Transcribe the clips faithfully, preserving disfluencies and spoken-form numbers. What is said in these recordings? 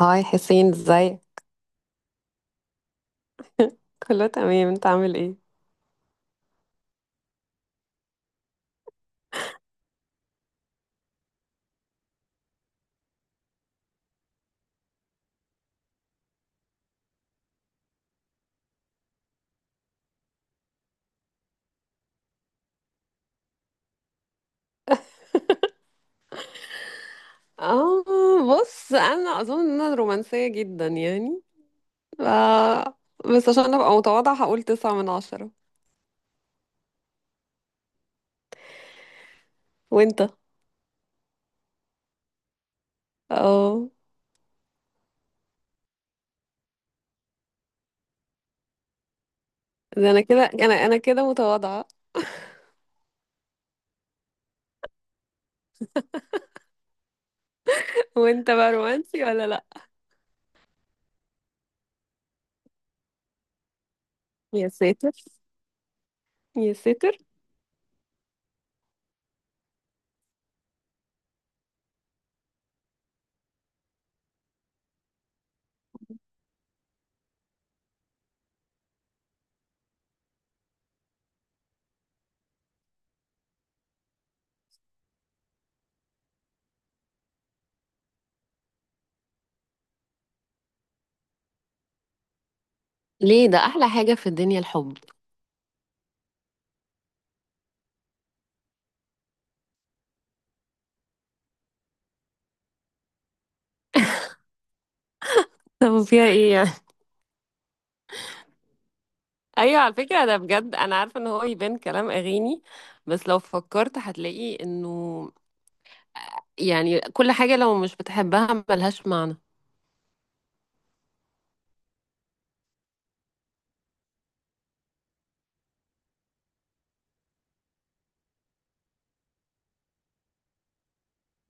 هاي حسين، ازاي؟ كله تمام، انت عامل ايه؟ اه، بص انا اظن ان انا رومانسية جدا يعني. ف... بس عشان ابقى متواضعة هقول تسعة من عشرة. وانت؟ اه، ده انا كده، انا انا كده متواضعة. وانت بقى رومانسي ولا لا؟ يا ساتر، يا ساتر. ليه؟ ده احلى حاجة في الدنيا الحب. طب فيها ايه يعني؟ ايوه، على فكره ده بجد، انا عارفه ان هو يبان كلام اغاني. بس لو فكرت هتلاقي انه يعني كل حاجة لو مش بتحبها ملهاش معنى.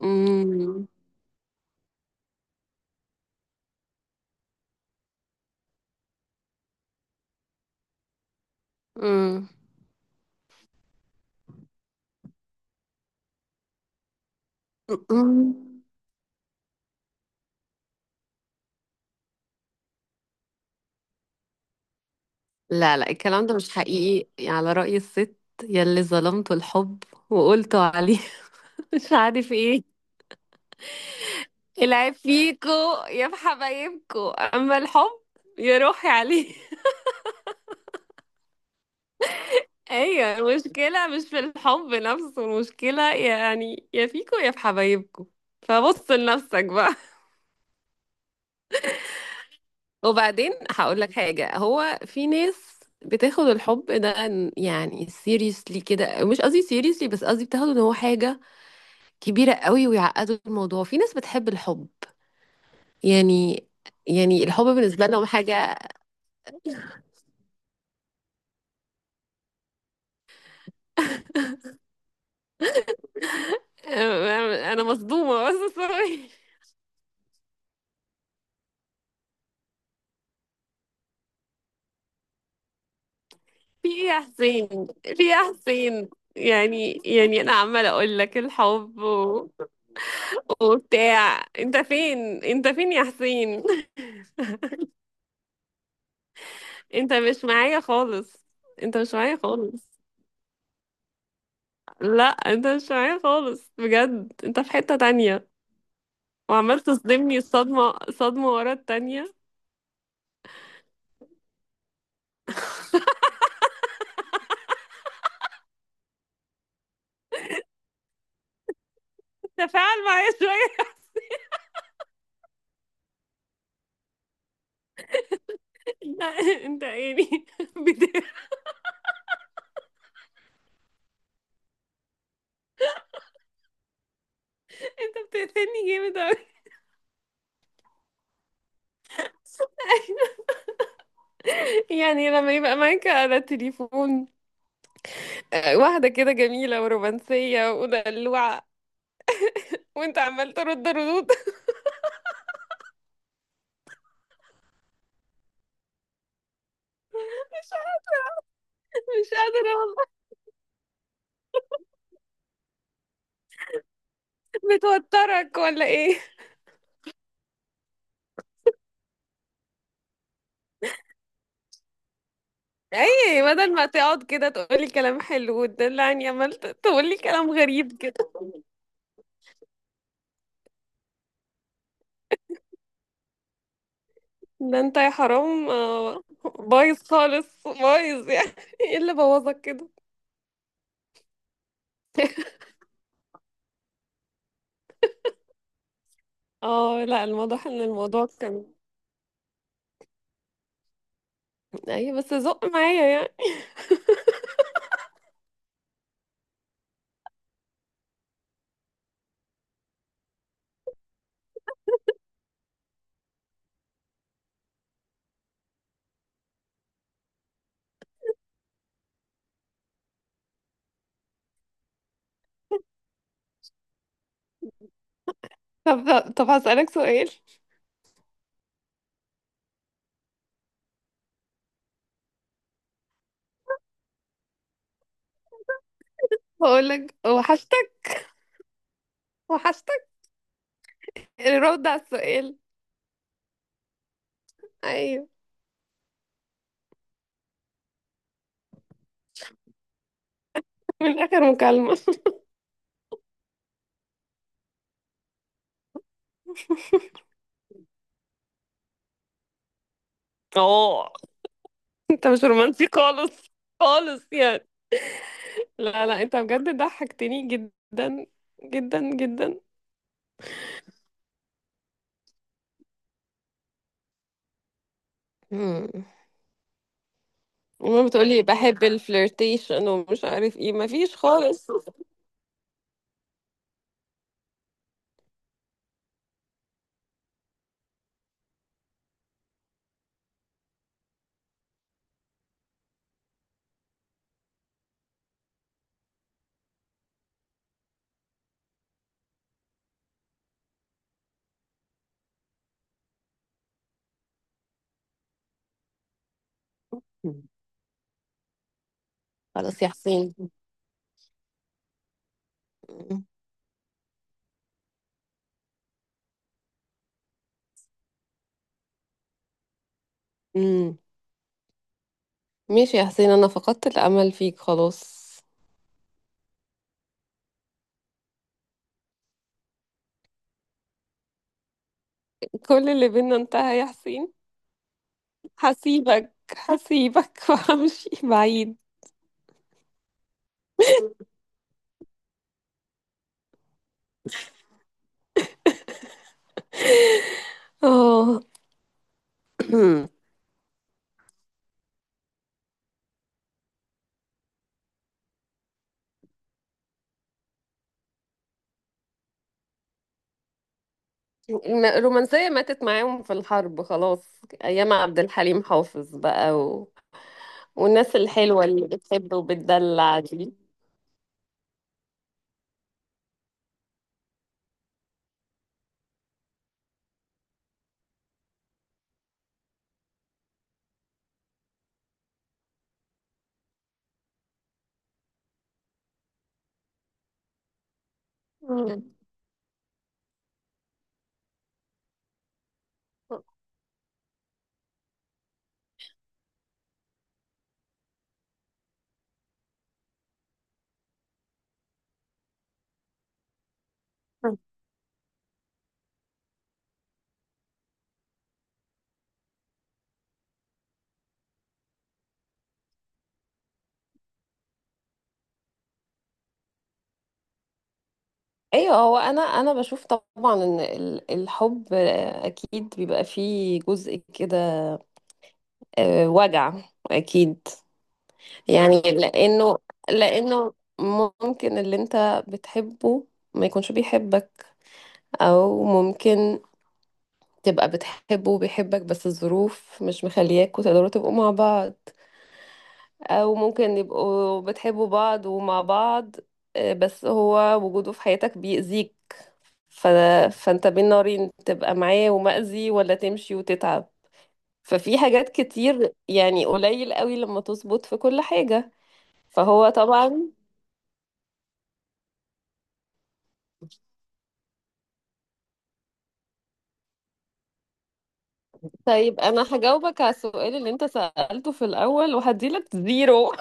مم. مم. مم. لا، لا، الكلام ده مش حقيقي يعني، على رأي الست يلي ظلمت الحب وقلت عليه، مش عارف ايه. العيب فيكو، يا في حبايبكو، اما الحب يا روحي عليه. ايوه، المشكلة مش في الحب نفسه، المشكلة يعني يا فيكو يا في حبايبكو. فبص لنفسك بقى. وبعدين هقول لك حاجة، هو في ناس بتاخد الحب ده إن- يعني سيريسلي كده، مش قصدي سيريسلي، بس قصدي بتاخده ان هو حاجة كبيرة قوي ويعقدوا الموضوع. في ناس بتحب الحب، يعني يعني الحب بالنسبة لهم حاجة. انا مصدومة، بس سوري. في ايه يا حسين؟ في ايه يا حسين؟ يعني يعني انا عمالة اقول لك الحب و... وبتاع، انت فين؟ انت فين يا حسين؟ انت مش معايا خالص، انت مش معايا خالص. لا، انت مش معايا خالص بجد، انت في حتة تانية. وعمال تصدمني صدمة صدمة ورا التانية. تفاعل معايا شوية. لا، انت يعني بت... انت بتقتلني جامد اوي. يعني لما يبقى معاك على التليفون آه، واحدة كده جميلة ورومانسية ودلوعة، وانت عمال ترد ردود. مش قادرة والله. بتوترك ولا ايه؟ اي، بدل ما تقعد كده تقولي كلام حلو وتدلعني، عمال تقولي كلام غريب كده. ده انت يا حرام، آه، بايظ خالص، بايظ يعني. ايه اللي بوظك كده؟ اه، لا، الواضح ان الموضوع كان... اي بس زق معايا يعني. طب طب هسألك سؤال. هقولك وحشتك. وحشتك؟ الرد على السؤال. ايوه. من اخر مكالمة. اه، انت مش رومانسي خالص، خالص يعني. لا، لا، انت بجد ضحكتني جدا، جدا، جدا. مم. وما بتقولي بحب الفلirtation ومش عارف ايه، مفيش خالص. خلاص يا حسين. امم ماشي يا حسين، انا فقدت الامل فيك خلاص. كل اللي بينا انتهى يا حسين. هسيبك، هسيبك، وهمشي بعيد. اه. الم- الرومانسية ماتت معاهم في الحرب خلاص، ايام عبد الحليم حافظ بقى و... والناس الحلوة اللي بتحب وبتدلع دي. مم. ايوه، هو انا انا بشوف طبعا ان ال- الحب اكيد بيبقى فيه جزء كده، آه، وجع. اكيد. يعني لانه لانه ممكن اللي انت بتحبه ما يكونش بيحبك، او ممكن تبقى بتحبه وبيحبك بس الظروف مش مخلياكوا تقدروا تبقوا مع بعض، او ممكن يبقوا بتحبوا بعض ومع بعض آه، بس هو وجوده في حياتك بيأذيك. ف... فانت بين نارين، تبقى معاه ومأذي ولا تمشي وتتعب. ففي حاجات كتير يعني، قليل قوي لما تظبط في كل حاجة. فهو طبعا... طيب، انا هجاوبك على السؤال اللي انت سألته في الاول، وهديلك زيرو.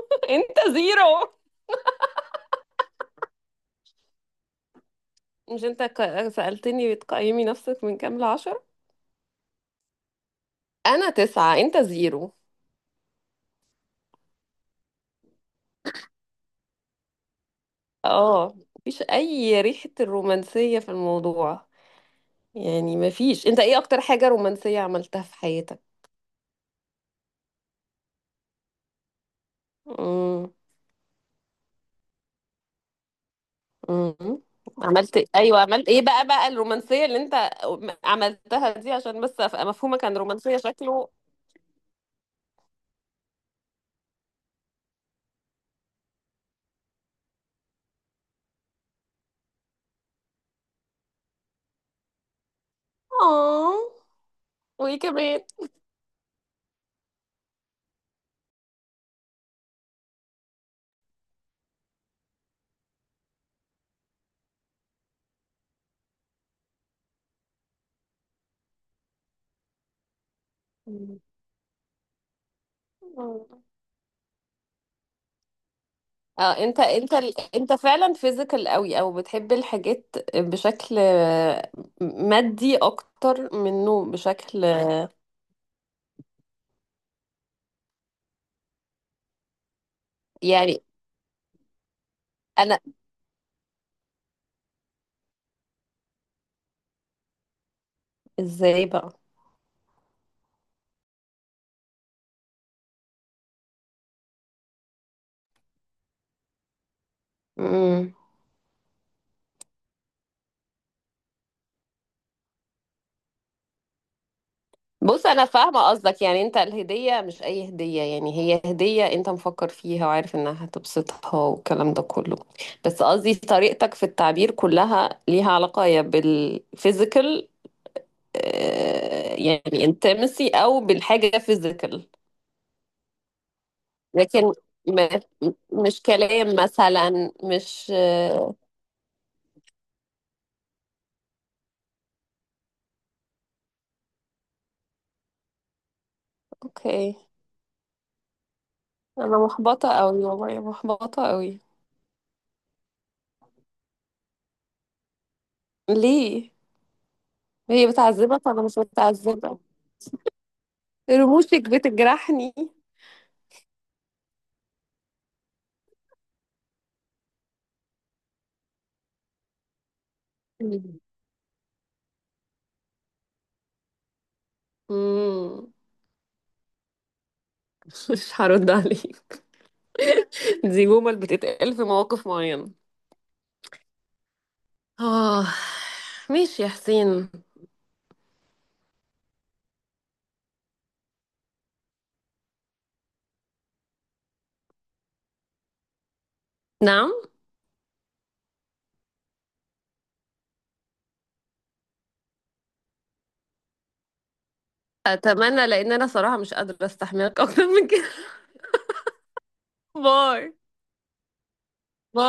انت زيرو. مش انت ك- سألتني بتقيمي نفسك من كام لعشرة؟ انا تسعة، انت زيرو. اه، مفيش اي ريحة الرومانسية في الموضوع. يعني مفيش. انت ايه اكتر حاجة رومانسية عملتها في حياتك؟ مم. مم. عملت إيه؟ ايوه، عملت ايه بقى بقى الرومانسية اللي انت عملتها دي، عشان بس ابقى مفهومك عن الرومانسية شكله. اه، وايه كمان؟ مم. مم. اه، انت انت ال- انت فعلا فيزيكال قوي، او بتحب الحاجات بشكل مادي اكتر منه بشكل. يعني انا. ازاي بقى؟ مم. بص، انا فاهمه قصدك، يعني انت الهديه مش اي هديه، يعني هي هديه انت مفكر فيها وعارف انها هتبسطها والكلام ده كله. بس قصدي طريقتك في التعبير كلها ليها علاقه يا بالفيزيكال، يعني انتمسي، او بالحاجه فيزيكال. لكن م... مش كلام مثلا، مش... اوكي. انا محبطة قوي والله، محبطة قوي. ليه؟ هي بتعذبك وانا مش متعذبة؟ رموشك بتجرحني؟ مم. مش هرد عليك. دي جمل بتتقال في مواقف معينة. اه. ماشي يا حسين. نعم؟ اتمنى، لان انا صراحة مش قادرة استحملك اكتر من كده. باي. باي.